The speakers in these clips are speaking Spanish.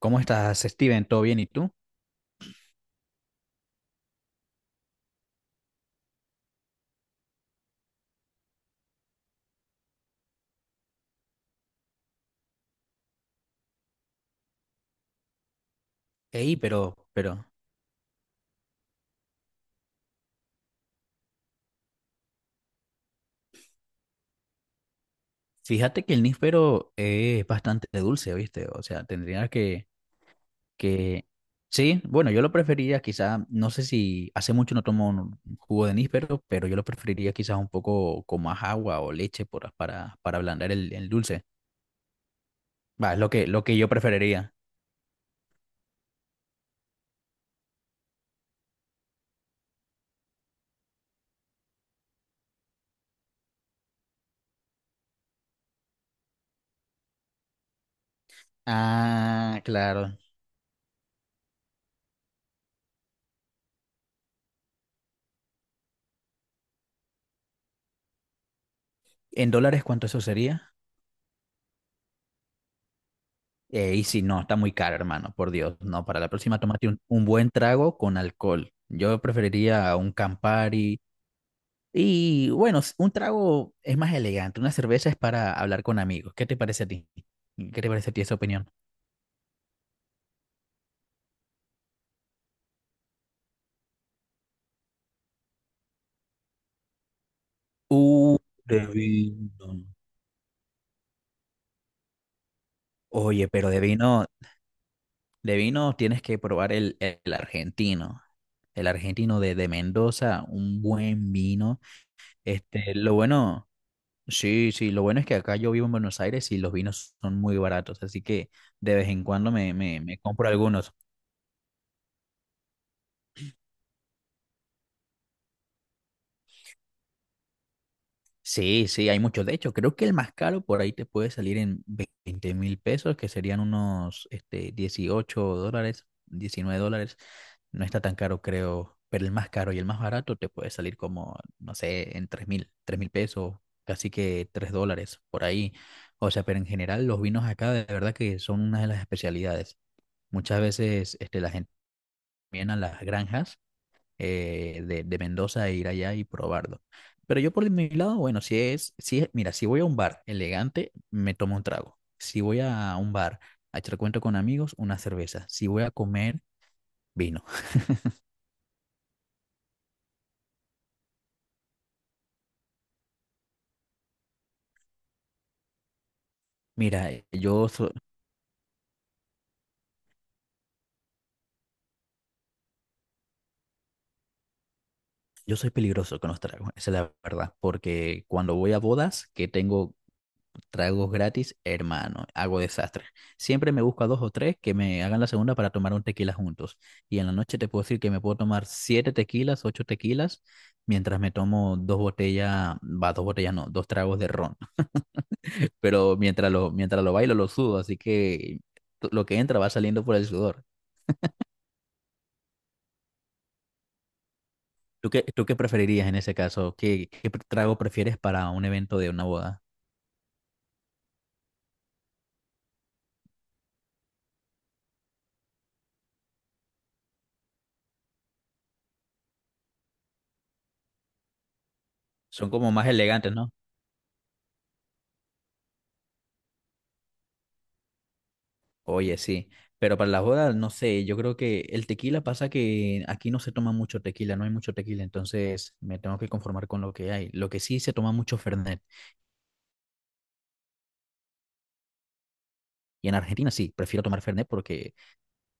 ¿Cómo estás, Steven? ¿Todo bien? ¿Y tú? Ey, pero, fíjate que el níspero es bastante dulce, ¿viste? O sea, tendría que, que, sí, bueno, yo lo preferiría quizá, no sé si, hace mucho no tomo un jugo de níspero, pero yo lo preferiría quizás un poco con más agua o leche para ablandar el dulce. Va, es lo que yo preferiría. Ah, claro. ¿En dólares cuánto eso sería? Y si no, está muy caro, hermano, por Dios. No, para la próxima tómate un buen trago con alcohol. Yo preferiría un Campari. Y bueno, un trago es más elegante. Una cerveza es para hablar con amigos. ¿Qué te parece a ti? ¿Qué te parece a ti esa opinión? Uh, de vino. Oye, pero de vino tienes que probar el argentino. El argentino de Mendoza, un buen vino. Lo bueno. Sí, sí, lo bueno es que acá yo vivo en Buenos Aires y los vinos son muy baratos, así que de vez en cuando me compro algunos. Sí, sí, hay muchos. De hecho, creo que el más caro por ahí te puede salir en 20.000 pesos, que serían unos 18 dólares, 19 dólares. No está tan caro, creo, pero el más caro y el más barato te puede salir como, no sé, en tres mil pesos, casi que 3 dólares por ahí. O sea, pero en general los vinos acá de verdad que son una de las especialidades. Muchas veces la gente también a las granjas de Mendoza e ir allá y probarlo. Pero yo por mi lado, bueno, mira, si voy a un bar elegante, me tomo un trago. Si voy a un bar a echar cuento con amigos, una cerveza. Si voy a comer, vino. Mira, yo soy peligroso con los tragos, esa es la verdad, porque cuando voy a bodas, que tengo tragos gratis, hermano, hago desastre. Siempre me busco a dos o tres que me hagan la segunda para tomar un tequila juntos. Y en la noche te puedo decir que me puedo tomar siete tequilas, ocho tequilas, mientras me tomo dos botellas, va, dos botellas no, dos tragos de ron. Pero mientras lo bailo, lo sudo, así que lo que entra va saliendo por el sudor. ¿Tú qué preferirías en ese caso? ¿Qué trago prefieres para un evento de una boda? Son como más elegantes, ¿no? Oye, sí, pero para las bodas, no sé, yo creo que el tequila pasa que aquí no se toma mucho tequila, no hay mucho tequila, entonces me tengo que conformar con lo que hay. Lo que sí se toma mucho Fernet, y en Argentina sí, prefiero tomar Fernet porque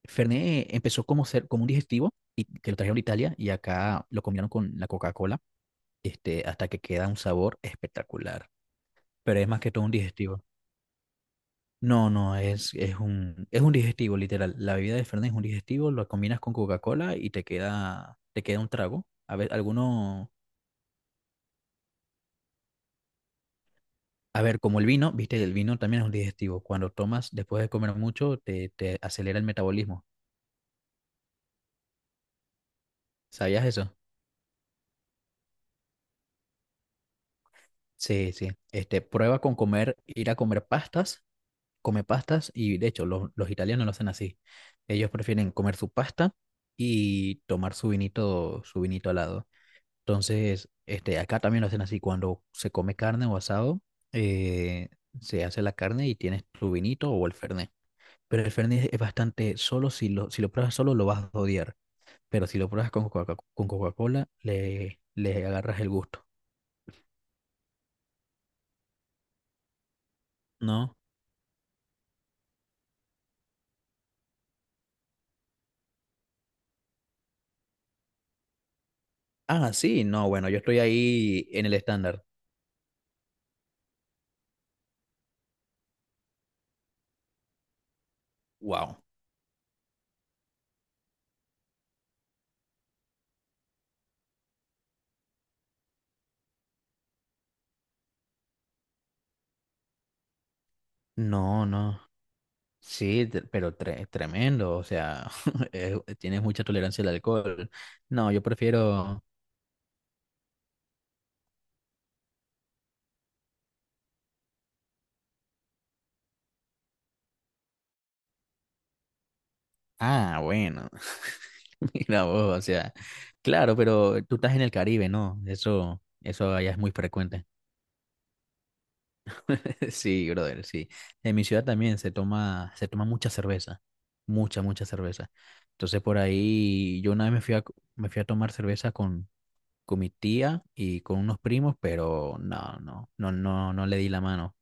Fernet empezó como un digestivo y que lo trajeron de Italia y acá lo combinaron con la Coca-Cola, hasta que queda un sabor espectacular, pero es más que todo un digestivo. No, no, es un digestivo, literal. La bebida de Fernet es un digestivo, lo combinas con Coca-Cola y te queda un trago. A ver, alguno, a ver, como el vino, viste, el vino también es un digestivo. Cuando tomas después de comer mucho, te acelera el metabolismo. ¿Sabías eso? Sí, sí. Prueba con comer, ir a comer pastas, come pastas y de hecho los italianos lo hacen así. Ellos prefieren comer su pasta y tomar su vinito al lado. Entonces, acá también lo hacen así, cuando se come carne o asado, eh, se hace la carne y tienes tu vinito o el fernet. Pero el fernet es bastante solo, si lo pruebas solo lo vas a odiar, pero si lo pruebas con con Coca-Cola, le agarras el gusto, ¿no? Ah, sí, no, bueno, yo estoy ahí en el estándar. Wow. No, no. Sí, pero tremendo, o sea, tienes mucha tolerancia al alcohol. No, yo prefiero... Ah, bueno. Mira vos, o sea, claro, pero tú estás en el Caribe, ¿no? Eso allá es muy frecuente. Sí, brother, sí. En mi ciudad también se toma mucha cerveza, mucha, mucha cerveza. Entonces por ahí yo una vez me fui a tomar cerveza con mi tía y con unos primos, pero no, no, no, no, no le di la mano.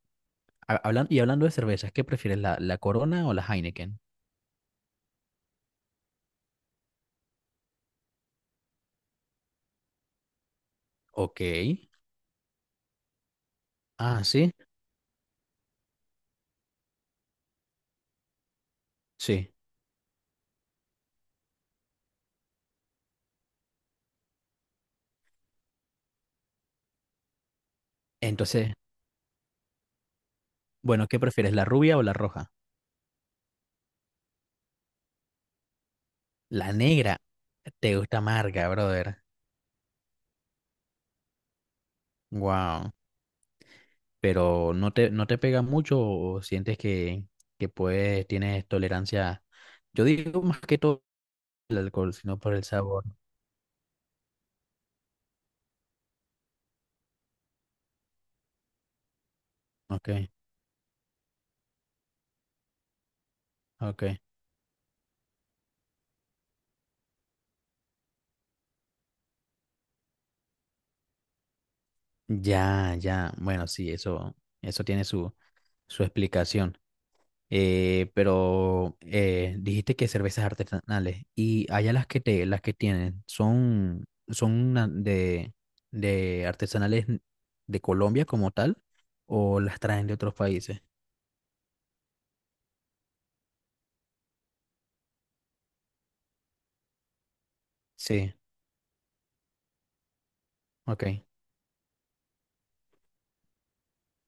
Y hablando de cervezas, ¿qué prefieres, la Corona o la Heineken? Ok. Ah, sí, sí. Entonces, bueno, ¿qué prefieres, la rubia o la roja? La negra. Te gusta amarga, brother. Wow. Pero no te pega mucho o sientes que puedes, tienes tolerancia. Yo digo más que todo el alcohol, sino por el sabor. Ok, ok. Ya, ya. Bueno, sí, eso tiene su explicación. Pero dijiste que cervezas artesanales y allá las que tienen son, de artesanales de Colombia como tal o las traen de otros países. Sí, ok.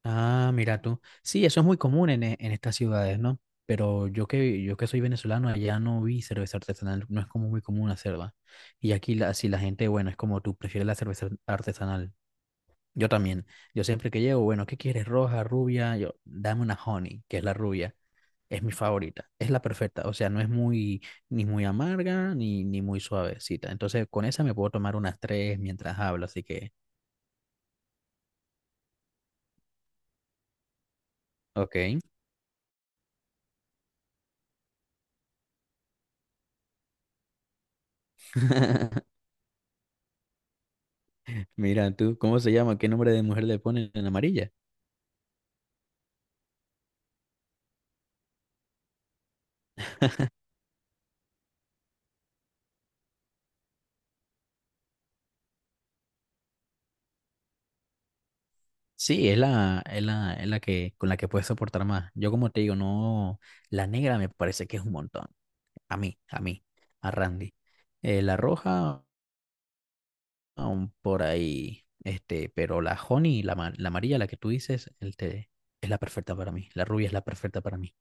Ah, mira tú. Sí, eso es muy común en, en estas ciudades, ¿no? Pero yo que soy venezolano, allá no vi cerveza artesanal, no es como muy común hacerla. Y aquí la, si la gente, bueno, es como tú prefieres la cerveza artesanal. Yo también. Yo siempre que llego, bueno, ¿qué quieres? Roja, rubia. Yo, dame una honey, que es la rubia. Es mi favorita. Es la perfecta. O sea, no es muy, ni, muy amarga, ni muy suavecita. Entonces, con esa me puedo tomar unas tres mientras hablo. Así que, ok. Mira tú, ¿cómo se llama? ¿Qué nombre de mujer le ponen en amarilla? Sí, es la que, con la que puedes soportar más. Yo, como te digo, no. La negra me parece que es un montón. A mí, a Randy. La roja. Aún por ahí. Pero la honey, la amarilla, la que tú dices, el té, es la perfecta para mí. La rubia es la perfecta para mí.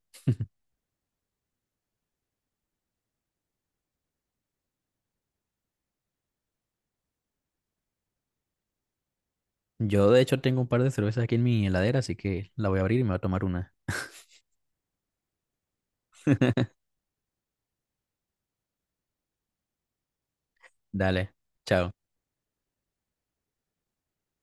Yo, de hecho, tengo un par de cervezas aquí en mi heladera, así que la voy a abrir y me voy a tomar una. Dale, chao.